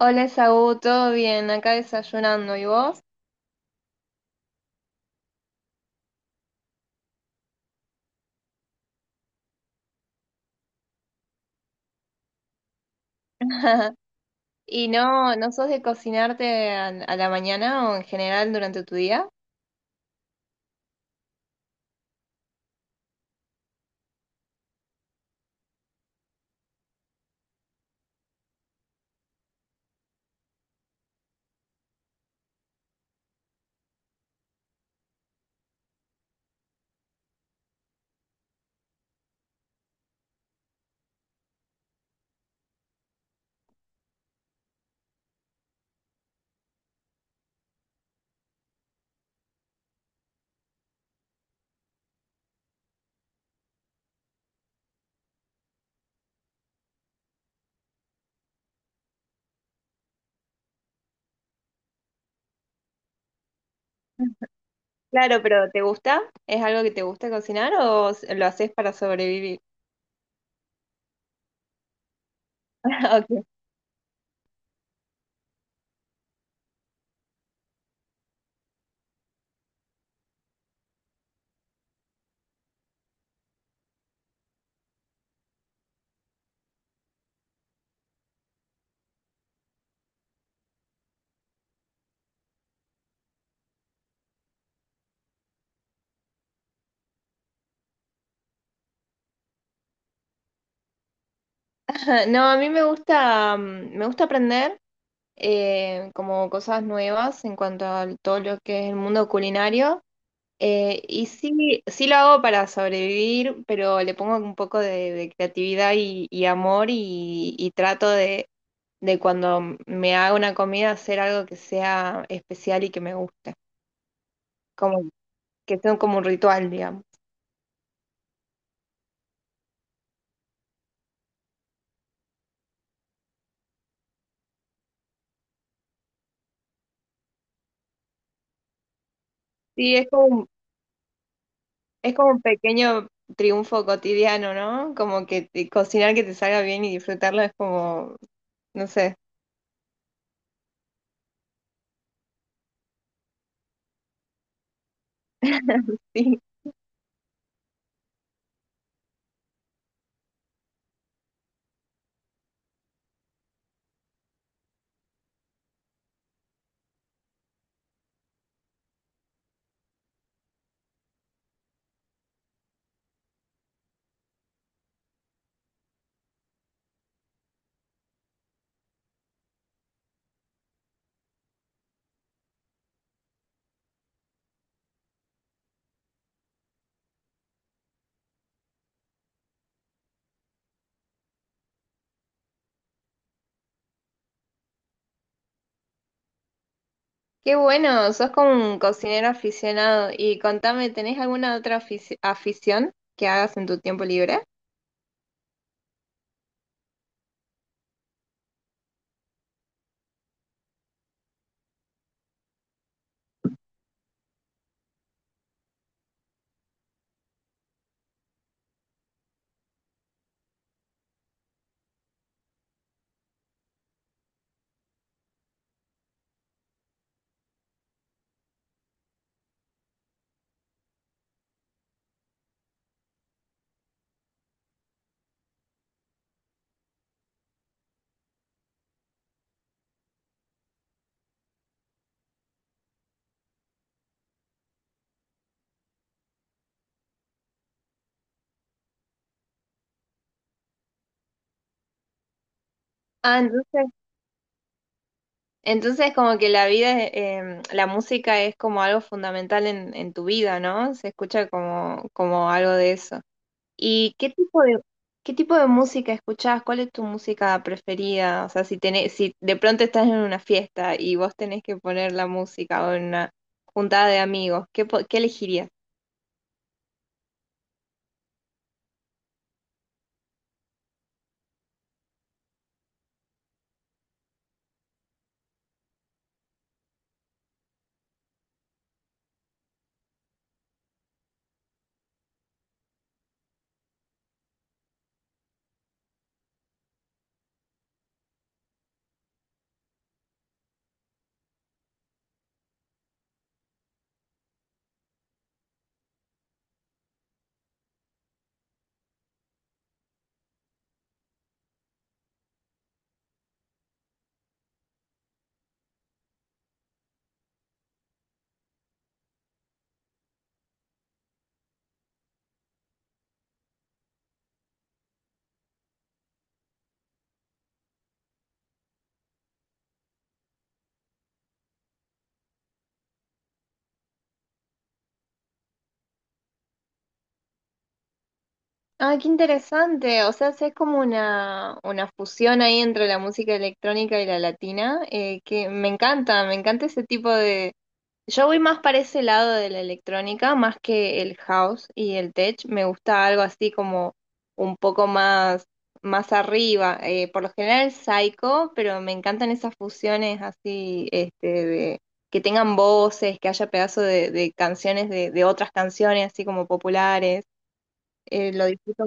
Hola, Saúl, ¿todo bien? Acá desayunando, ¿y vos? ¿Y ¿no, no sos de cocinarte a la mañana o en general durante tu día? Claro, pero ¿te gusta? ¿Es algo que te gusta cocinar o lo haces para sobrevivir? Ok. No, a mí me gusta, mm, me gusta aprender como cosas nuevas en cuanto a todo lo que es el mundo culinario. Y sí, sí lo hago para sobrevivir, pero le pongo un poco de creatividad y amor y trato de cuando me hago una comida hacer algo que sea especial y que me guste, como que sea como un ritual, digamos. Sí, es como un pequeño triunfo cotidiano, ¿no? Como que cocinar que te salga bien y disfrutarlo es como, no sé, sí. Qué bueno, sos como un cocinero aficionado. Y contame, ¿tenés alguna otra afición que hagas en tu tiempo libre? Ah, entonces como que la música es como algo fundamental en tu vida, ¿no? Se escucha como, como algo de eso. ¿Y qué tipo de música escuchás? ¿Cuál es tu música preferida? O sea, si tenés, si de pronto estás en una fiesta y vos tenés que poner la música o en una juntada de amigos, ¿qué, qué elegirías? Ah, qué interesante. O sea, es como una fusión ahí entre la música electrónica y la latina, que me encanta ese tipo de... Yo voy más para ese lado de la electrónica, más que el house y el tech. Me gusta algo así como un poco más, más arriba. Por lo general el psycho, pero me encantan esas fusiones así, este, de que tengan voces, que haya pedazos de canciones de otras canciones así como populares. Lo disfruto.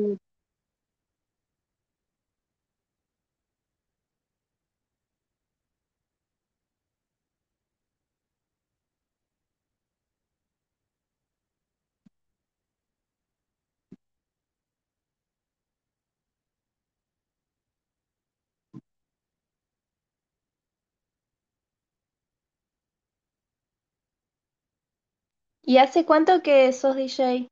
¿Y hace cuánto que sos DJ?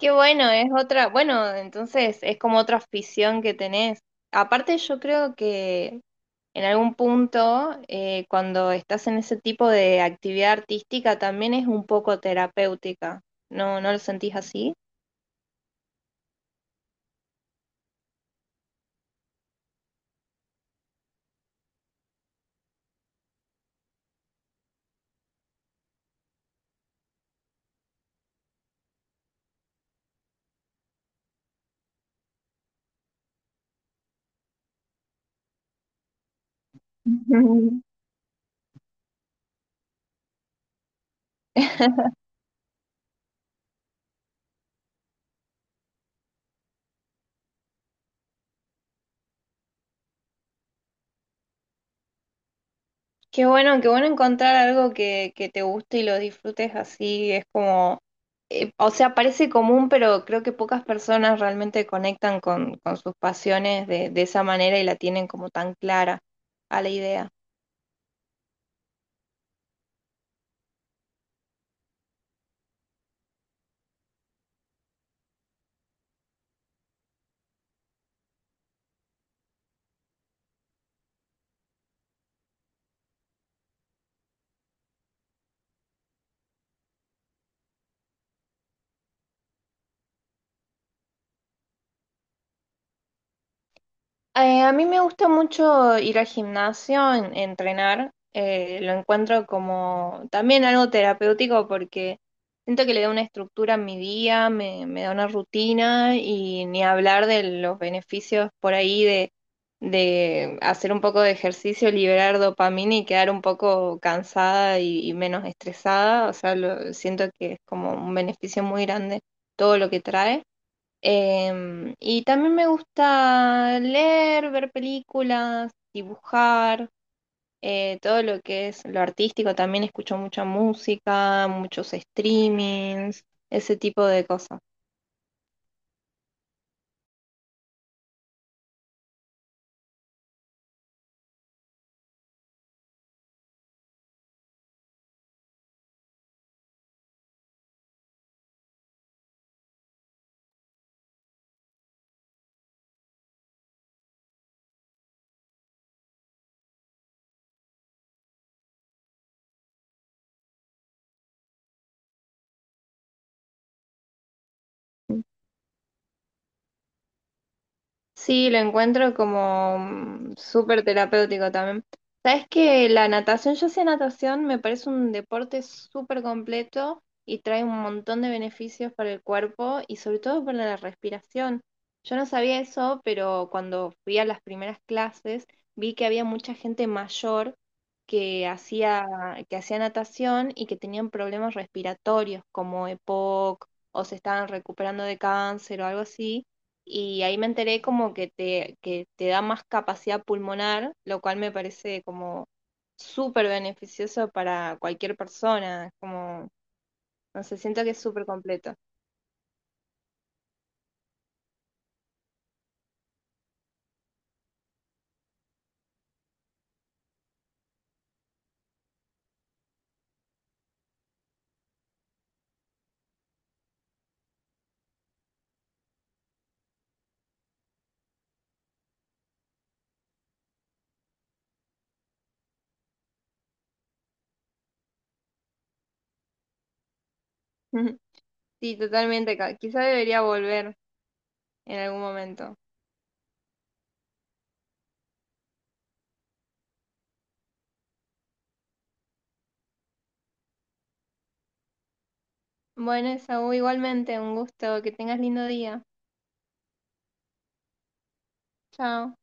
Qué bueno, es otra, bueno, entonces es como otra afición que tenés. Aparte, yo creo que en algún punto, cuando estás en ese tipo de actividad artística, también es un poco terapéutica. ¿No, no lo sentís así? Qué bueno encontrar algo que te guste y lo disfrutes así. Es como, o sea, parece común, pero creo que pocas personas realmente conectan con sus pasiones de esa manera y la tienen como tan clara a la idea. A mí me gusta mucho ir al gimnasio, entrenar. Eh, lo encuentro como también algo terapéutico porque siento que le da una estructura a mi día, me da una rutina y ni hablar de los beneficios por ahí de hacer un poco de ejercicio, liberar dopamina y quedar un poco cansada y menos estresada. O sea, siento que es como un beneficio muy grande todo lo que trae. Em, y también me gusta leer, ver películas, dibujar, todo lo que es lo artístico. También escucho mucha música, muchos streamings, ese tipo de cosas. Sí, lo encuentro como mm, súper terapéutico también. Sabes que la natación, yo hacía natación, me parece un deporte súper completo y trae un montón de beneficios para el cuerpo y sobre todo para la respiración. Yo no sabía eso, pero cuando fui a las primeras clases vi que había mucha gente mayor que hacía, que hacía natación y que tenían problemas respiratorios como EPOC o se estaban recuperando de cáncer o algo así y ahí me enteré como que que te da más capacidad pulmonar, lo cual me parece como súper beneficioso para cualquier persona, como, no sé, siento que es súper completo. Sí, totalmente, quizá debería volver en algún momento. Bueno, Esaú, igualmente, un gusto, que tengas lindo día. Chao.